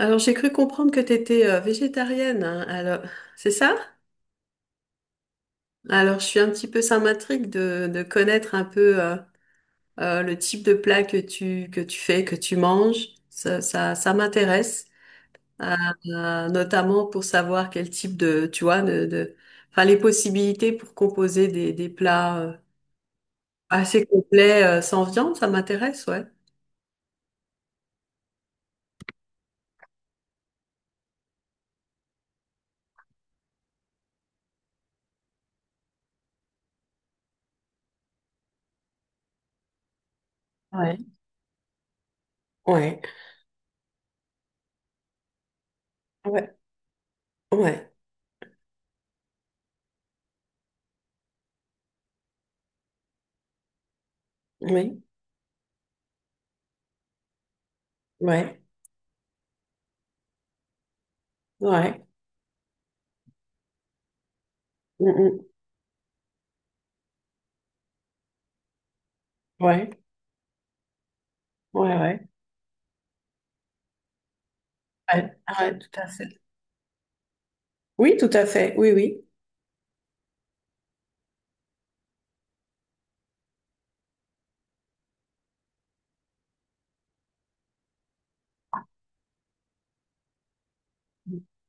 Alors, j'ai cru comprendre que tu étais végétarienne. Hein. Alors, c'est ça? Alors, je suis un petit peu, ça m'intrigue de connaître un peu le type de plat que tu fais, que tu manges. Ça m'intéresse, euh, notamment pour savoir quel type de, tu vois, enfin, les possibilités pour composer des plats assez complets sans viande, ça m'intéresse, ouais. Ouais, ouais, oui, ouais, ouais, mm, mm, ouais, ouais, ouais, ouais, ouais, tout à fait. Oui, tout à fait. Oui, oui.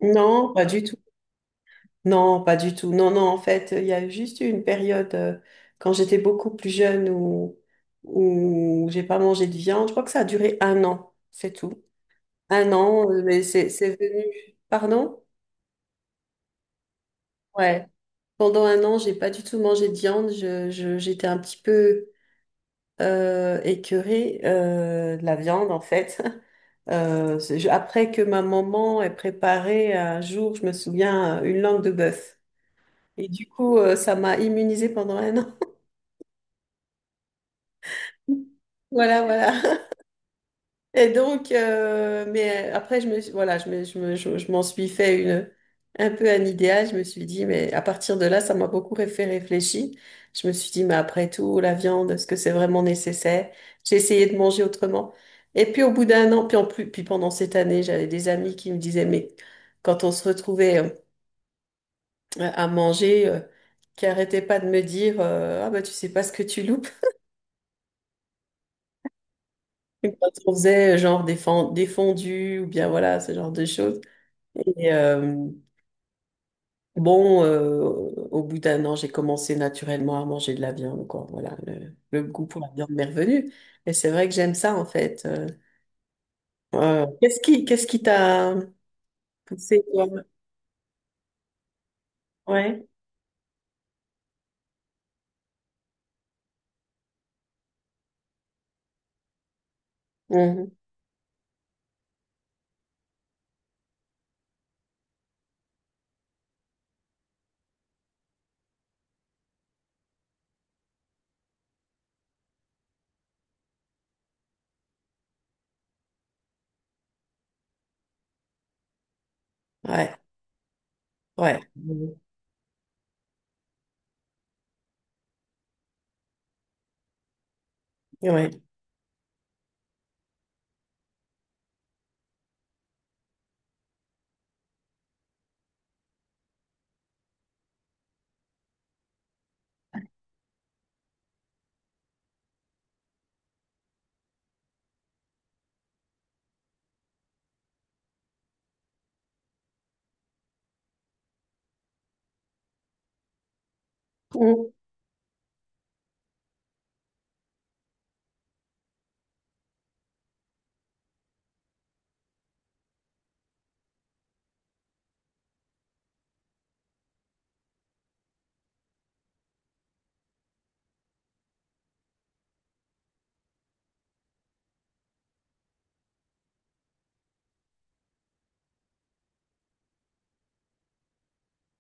Non, pas du tout. Non, pas du tout. Non, non, en fait, il y a juste eu une période quand j'étais beaucoup plus jeune où j'ai pas mangé de viande. Je crois que ça a duré un an, c'est tout. Un an, mais c'est venu. Pardon? Ouais. Pendant un an, j'ai pas du tout mangé de viande. J'étais un petit peu écœurée de la viande, en fait. Après que ma maman ait préparé un jour, je me souviens, une langue de bœuf. Et du coup, ça m'a immunisée pendant un an. Voilà, voilà. Et donc, mais après, voilà, je m'en suis fait une, un peu un idéal. Je me suis dit, mais à partir de là, ça m'a beaucoup fait réfléchir. Je me suis dit, mais après tout, la viande, est-ce que c'est vraiment nécessaire? J'ai essayé de manger autrement. Et puis, au bout d'un an, puis en plus, puis pendant cette année, j'avais des amis qui me disaient, mais quand on se retrouvait à manger, qui arrêtaient pas de me dire, ah bah, tu sais pas ce que tu loupes. Et quand on faisait genre des fondus ou bien voilà, ce genre de choses. Et euh, bon, au bout d'un an, j'ai commencé naturellement à manger de la viande, quoi. Voilà, le goût pour la viande m'est revenu. Et c'est vrai que j'aime ça, en fait. Qu'est-ce qui t'a poussé, toi? Ouais. Mhm. Ouais, ouais. Mhm. Ouais. Mhm.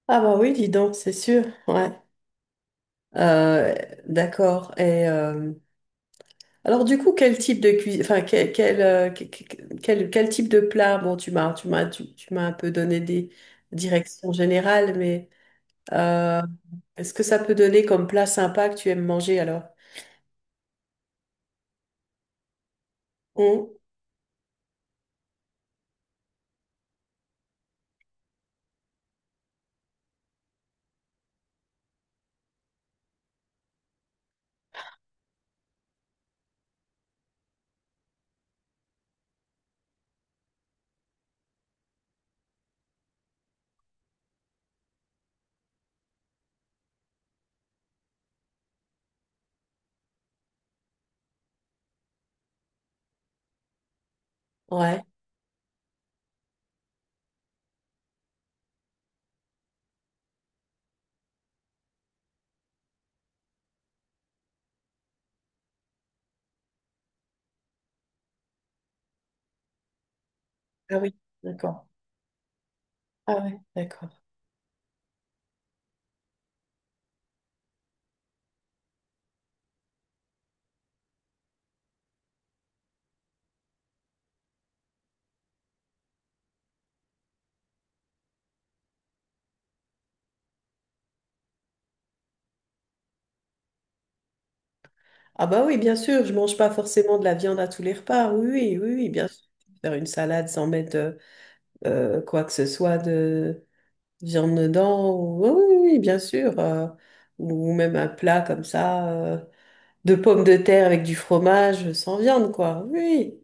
Ah bah oui, dis donc, c'est sûr. Ouais. Euh, d'accord. Alors du coup, quel type de cuisine, enfin quel, quel, que- quel, quel type de plat? Bon, tu m'as un peu donné des directions générales, mais euh, est-ce que ça peut donner comme plat sympa que tu aimes manger alors? Hum. Ouais. Ah oui, d'accord. Ah ouais, d'accord. Ah bah oui, bien sûr, je mange pas forcément de la viande à tous les repas. Oui, oui, oui, oui, bien sûr. Faire une salade sans mettre quoi que ce soit de viande dedans. Oui, oui, oui, bien sûr. Ou même un plat comme ça, de pommes de terre avec du fromage sans viande, quoi. Oui,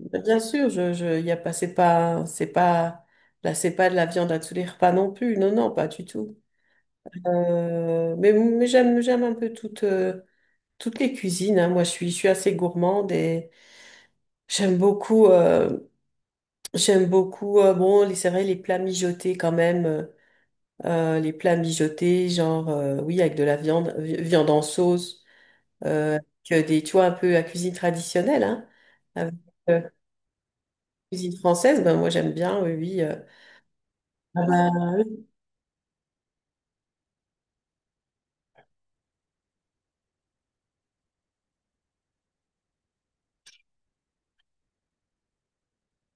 bah, bien sûr, je, y a pas, c'est pas, c'est pas, là, c'est pas de la viande à tous les repas non plus. Non, non, pas du tout. Mais j'aime un peu toutes les cuisines. Hein. Moi, je suis assez gourmande et j'aime beaucoup, euh, j'aime beaucoup, bon, c'est vrai, les plats mijotés quand même. Les plats mijotés, genre, oui, avec de la viande, viande en sauce. euh, Avec des, tu vois, un peu à cuisine traditionnelle, hein, avec euh, cuisine française, ben moi j'aime bien, oui, oui. Ah bah, oui.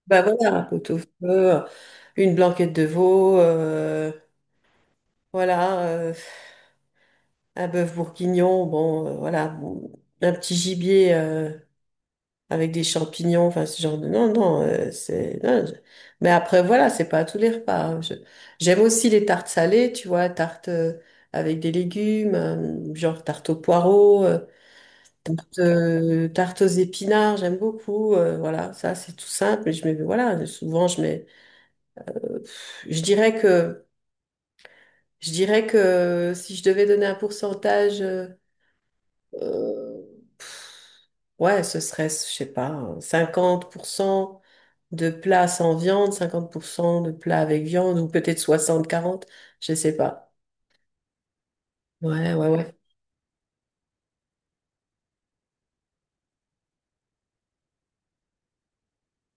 Bah voilà, un pot au feu, une blanquette de veau, voilà, un bœuf bourguignon, bon, voilà, bon, un petit gibier avec des champignons, enfin non, non, non, Mais après, voilà, c'est pas à tous les repas. Hein. J'aime aussi les tartes salées, tu vois, tartes, avec des légumes, genre tarte aux poireaux, tarte aux épinards, j'aime beaucoup. Voilà, ça c'est tout simple, mais je mets, voilà, souvent je mets. euh, pff, je dirais que, je dirais que si je devais donner un pourcentage, euh, ouais, ce serait, je sais pas, hein, 50% de plats sans viande, 50% de plats avec viande, ou peut-être 60/40, je sais pas. Ouais, ouais, ouais.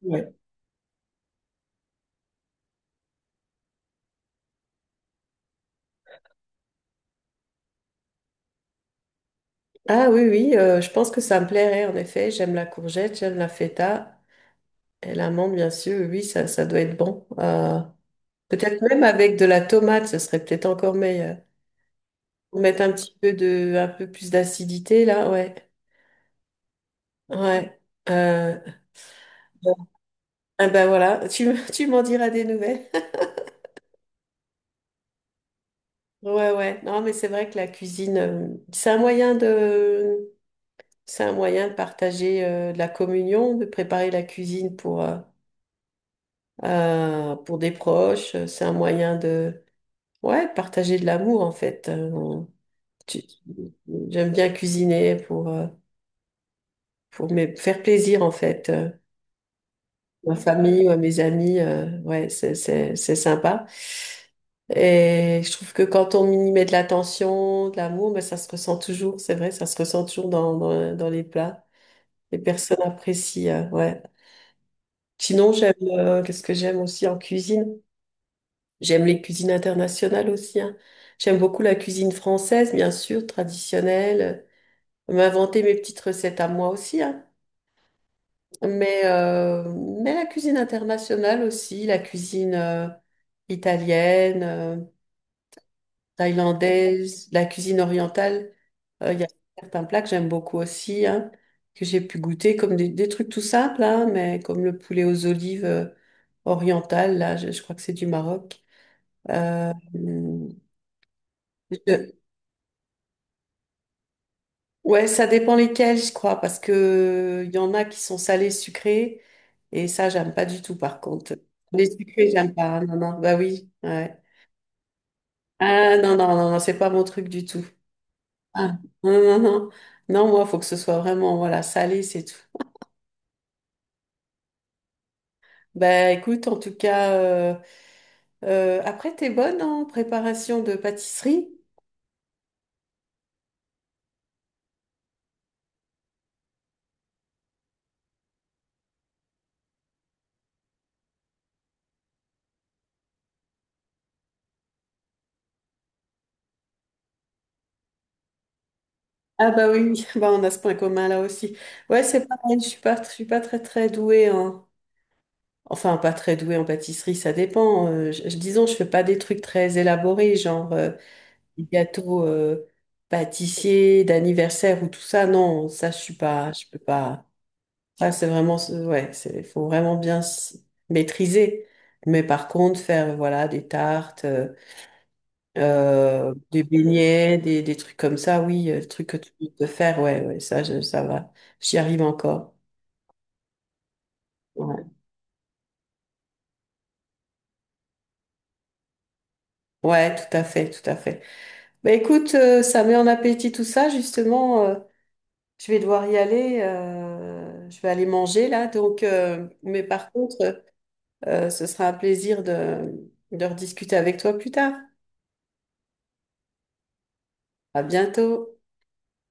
Ouais. Ah oui, oui, je pense que ça me plairait en effet. J'aime la courgette, j'aime la feta. Et l'amande, bien sûr, oui, ça doit être bon. Peut-être même avec de la tomate, ce serait peut-être encore meilleur. Pour mettre un petit peu de, un peu plus d'acidité, là, ouais. Ouais. Euh, ah ben voilà, tu m'en diras des nouvelles. Ouais, ouais. Non, mais c'est vrai que la cuisine, c'est un moyen de, c'est un moyen de partager de la communion, de préparer la cuisine pour des proches. C'est un moyen de, ouais, partager de l'amour, en fait. Tu- J'aime bien cuisiner pour me faire plaisir en fait, ma famille, ou à mes amis, ouais, c'est sympa. Et je trouve que quand on y met de l'attention, de l'amour, ben, ça se ressent toujours, c'est vrai, ça se ressent toujours dans les plats. Les personnes apprécient, ouais. Sinon, qu'est-ce que j'aime aussi en cuisine? J'aime les cuisines internationales aussi, hein. J'aime beaucoup la cuisine française, bien sûr, traditionnelle. M'inventer mes petites recettes à moi aussi, hein. Mais, euh, mais la cuisine internationale aussi, la cuisine italienne, thaïlandaise, la cuisine orientale, il y a certains plats que j'aime beaucoup aussi, hein, que j'ai pu goûter, comme des trucs tout simples, hein, mais comme le poulet aux olives oriental, là, je crois que c'est du Maroc. Euh, je- Ouais, ça dépend lesquels, je crois, parce que il y en a qui sont salés, sucrés, et ça, j'aime pas du tout, par contre. Les sucrés, j'aime pas. Ah, non, non, bah oui, ouais. Ah, non, non, non, non, c'est pas mon truc du tout. Ah, non, non, non. Non, moi, faut que ce soit vraiment, voilà, salé, c'est tout. Bah, écoute, en tout cas, après, t'es bonne hein, en préparation de pâtisserie? Ah, bah oui, bah, on a ce point commun là aussi. Ouais, c'est pareil, je suis pas très, très douée, hein. Enfin, pas très douée en pâtisserie, ça dépend. Disons, je fais pas des trucs très élaborés, genre des gâteaux pâtissiers d'anniversaire ou tout ça. Non, ça, je suis pas, je peux pas. Ça, c'est vraiment, ouais, c'est, faut vraiment bien maîtriser. Mais par contre, faire, voilà, des tartes, des beignets, des trucs comme ça, oui, le truc que tu peux faire, ouais, ouais, ça, ça va. J'y arrive encore. Ouais. Ouais, tout à fait, tout à fait. Bah écoute, ça met en appétit tout ça, justement, je vais devoir y aller, je vais aller manger là. Donc, mais par contre, ce sera un plaisir de rediscuter avec toi plus tard. À bientôt.